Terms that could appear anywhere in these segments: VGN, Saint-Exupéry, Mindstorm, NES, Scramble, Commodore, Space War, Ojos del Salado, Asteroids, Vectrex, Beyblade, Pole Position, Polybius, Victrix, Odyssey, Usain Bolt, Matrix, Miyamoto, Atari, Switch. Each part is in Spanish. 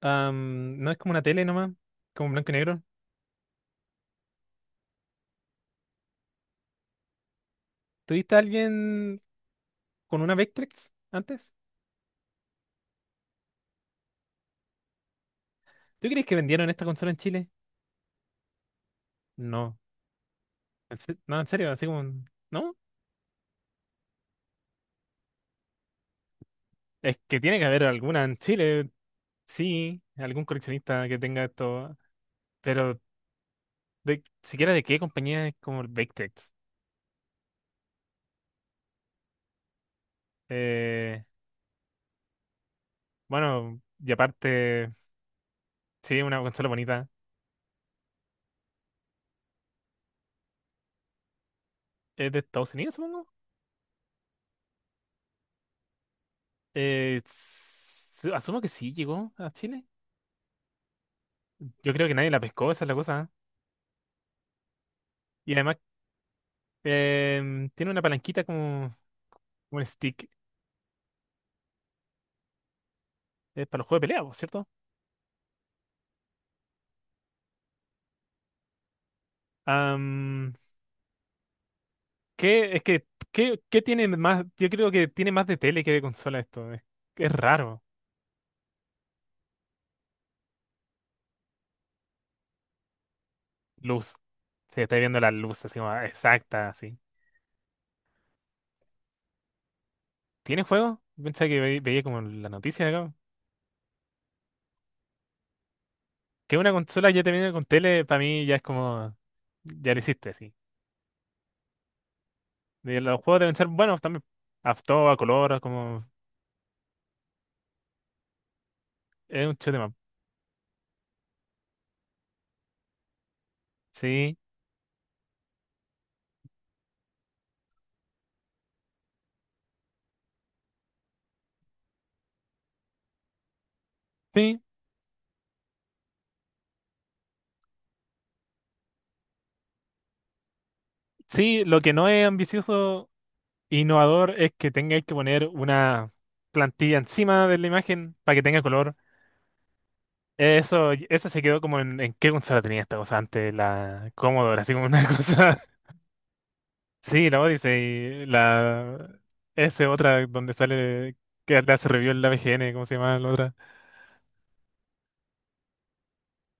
No es como una tele nomás, como blanco y negro. ¿Tuviste a alguien con una Vectrex antes? ¿Tú crees que vendieron esta consola en Chile? No. No, en serio, así como... ¿No? Es que tiene que haber alguna en Chile, sí, algún coleccionista que tenga esto, pero de, siquiera de qué compañía es como el Vectrex. Eh, bueno, y aparte, sí, una consola bonita. ¿Es de Estados Unidos, supongo? Asumo que sí llegó a Chile. Yo creo que nadie la pescó, esa es la cosa. Y además tiene una palanquita como como un stick. Es para los juegos de pelea, po, ¿cierto? Am, ¿qué, es que, ¿qué, qué tiene más? Yo creo que tiene más de tele que de consola esto. Es raro. Luz. Se está viendo la luz así como ah, exacta, así. ¿Tiene juego? Yo pensaba que veía como la noticia de acá. Que una consola ya te viene con tele, para mí ya es como. Ya lo hiciste, así. De los juegos deben ser buenos también. A todo, a color, como. Es un shoot 'em up. Sí. Sí. Sí, lo que no es ambicioso e innovador es que tengáis que poner una plantilla encima de la imagen para que tenga color. Eso se quedó como en qué consola tenía esta cosa antes, la Commodore, así como una cosa. Sí, la Odyssey, la S otra donde sale que la hace review en la VGN, ¿cómo se llama la otra?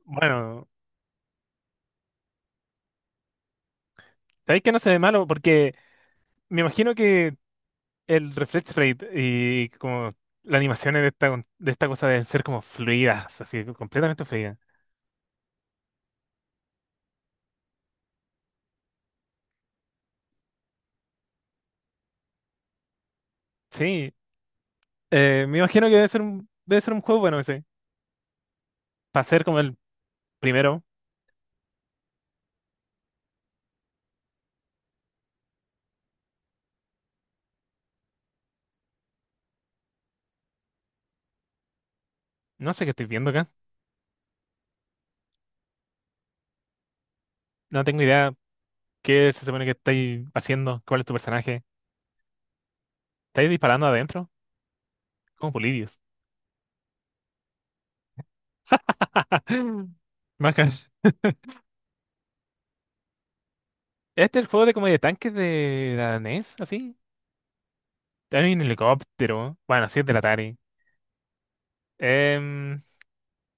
Bueno, sabéis que no se ve malo porque me imagino que el refresh rate y como las animaciones de esta cosa deben ser como fluidas, así completamente fluidas. Sí, me imagino que debe ser un juego bueno ese. Para ser como el primero. No sé qué estoy viendo acá. No tengo idea qué se supone que estáis haciendo, cuál es tu personaje. ¿Estáis disparando adentro? Como Polibios. Macas. Este es el juego de como de tanques de la NES, así. Hay un helicóptero. Bueno, así es del Atari. Em,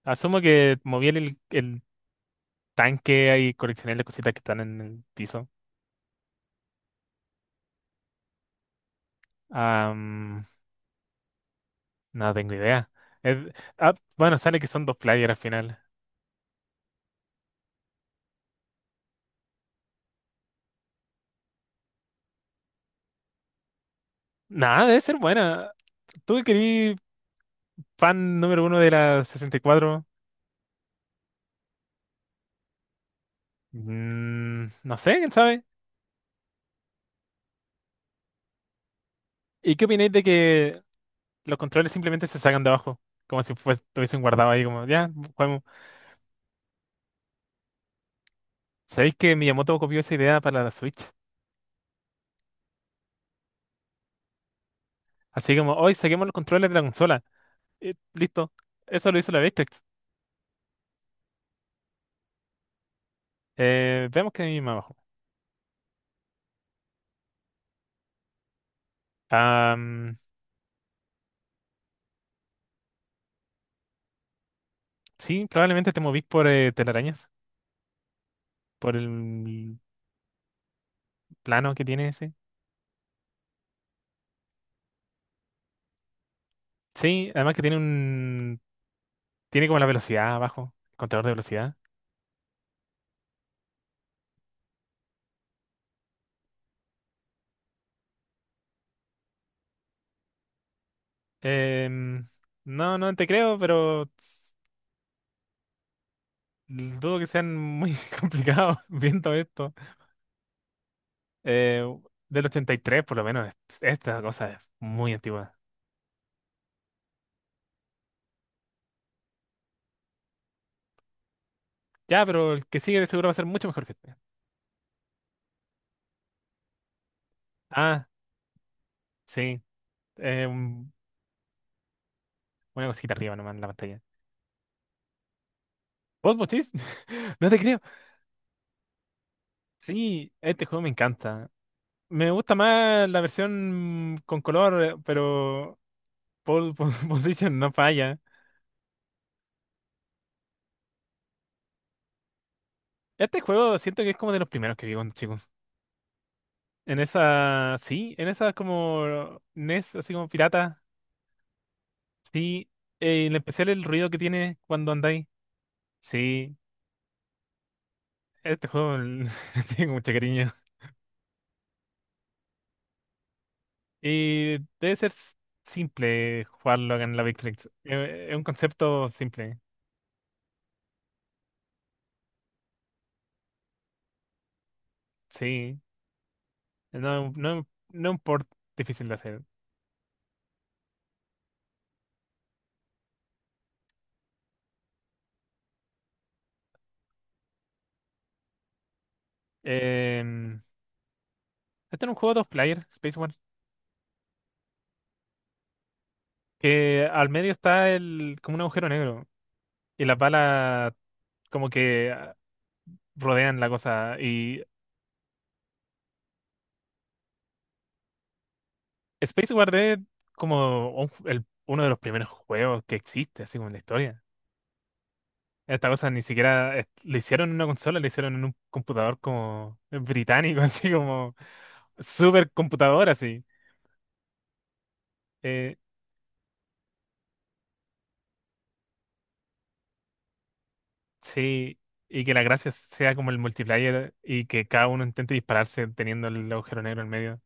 asumo que moví el tanque y coleccioné las cositas que están en el piso. No tengo idea. Eh, bueno, sale que son dos players al final. Nada, debe ser buena. ¿Tú que querí fan número uno de la 64? Mm, no sé, quién sabe. ¿Y qué opináis de que los controles simplemente se sacan de abajo? Como si estuviesen guardados ahí, como, ya, juguemos. ¿Sabéis que Miyamoto copió esa idea para la Switch? Así como, hoy saquemos los controles de la consola. Listo. Eso lo hizo la Victrix. Veamos qué hay más abajo. Ah, mm, sí, probablemente te movís por telarañas. Por el plano que tiene ese. Sí, además que tiene un... Tiene como la velocidad abajo, el contador de velocidad. Em, no, no te creo, pero dudo que sean muy complicados viendo esto. Eh, del 83 por lo menos, esta cosa es muy antigua. Ya, pero el que sigue de seguro va a ser mucho mejor que este. Ah, sí. eh, un- una cosita arriba nomás en la pantalla. ¿Vos, Bochis? No te creo. Sí, este juego me encanta. Me gusta más la versión con color, pero Position no falla. Este juego siento que es como de los primeros que vi cuando chico. En esa, sí, en esa como NES, así como pirata. Sí, en especial el ruido que tiene cuando andáis. Sí, este juego le tengo mucho cariño. Y debe ser simple jugarlo acá en la Victrix. Es un concepto simple, sí. No, no, no es un port difícil de hacer. Em, Este era un juego dos player, Space One. Que al medio está el, como un agujero negro. Y las balas como que ah, rodean la cosa. Y Space War es como un uno de los primeros juegos que existe, así como en la historia. Esta cosa ni siquiera le hicieron en una consola, le hicieron en un computador como británico, así como super computador, así. Eh, sí. Y que la gracia sea como el multiplayer y que cada uno intente dispararse teniendo el agujero negro en medio.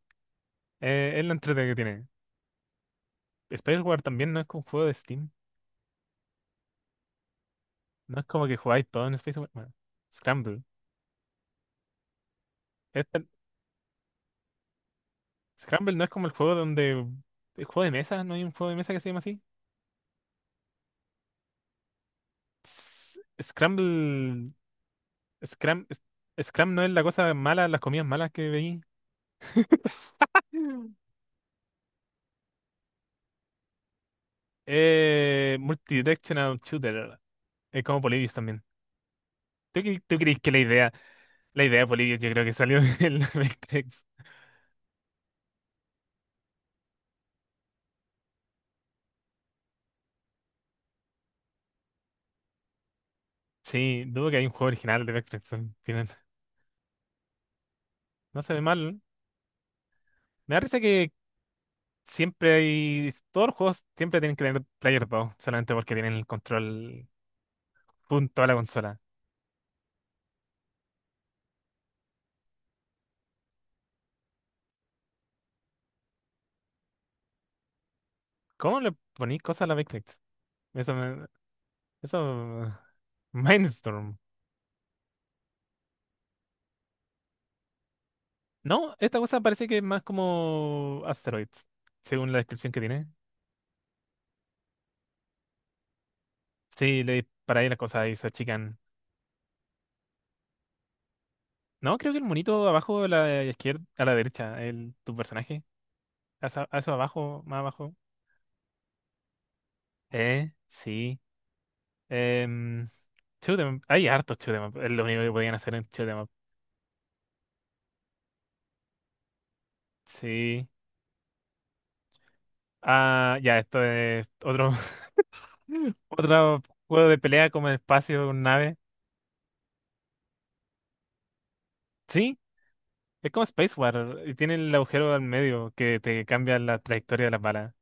Es lo entretenido que tiene. Spaceward también no es como un juego de Steam. No es como que jugáis todo en Spaceward. Bueno, Scramble. Este- Scramble no es como el juego donde. El juego de mesa, ¿no hay un juego de mesa que se llama así? Scramble. Scram. Scram no es la cosa mala, las comidas malas que veí. Mm. Multidirectional Shooter. Es como Polybius también. ¿Tú crees que la idea de Polybius yo creo que salió de la Vectrex? Sí, dudo que hay un juego original de Vectrex al final. No se ve mal. ¿No? Me da risa que siempre hay. Todos los juegos siempre tienen que tener Player 2, solamente porque tienen el control punto a la consola. ¿Cómo le ponéis cosas a la Beyblade? Eso me. Eso. Mindstorm. No, esta cosa parece que es más como Asteroids, según la descripción que tiene. Sí, le disparáis las cosas y se achican. No, creo que el monito abajo a la izquierda, a la derecha, el, tu personaje. A eso abajo, más abajo. Sí. Em, shoot 'em up. Hay hartos shoot 'em up. Es lo único que podían hacer en shoot 'em up. Sí. Ah, ya, esto es otro, otro juego de pelea como el espacio con nave. Sí, es como Space War. Y tiene el agujero al medio que te cambia la trayectoria de las balas.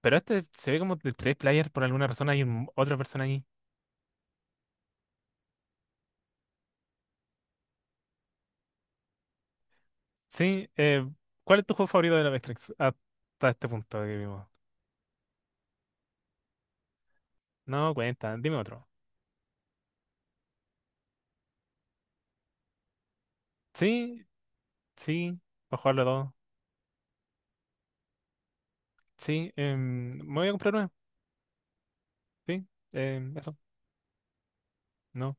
Pero este se ve como de tres players por alguna razón. Hay otra persona ahí. Sí, ¿cuál es tu juego favorito de la Matrix hasta este punto que vimos? No, cuenta, dime otro. Sí, sí, para jugar los dos. Sí, em, me voy a comprar uno. Sí, eso. No.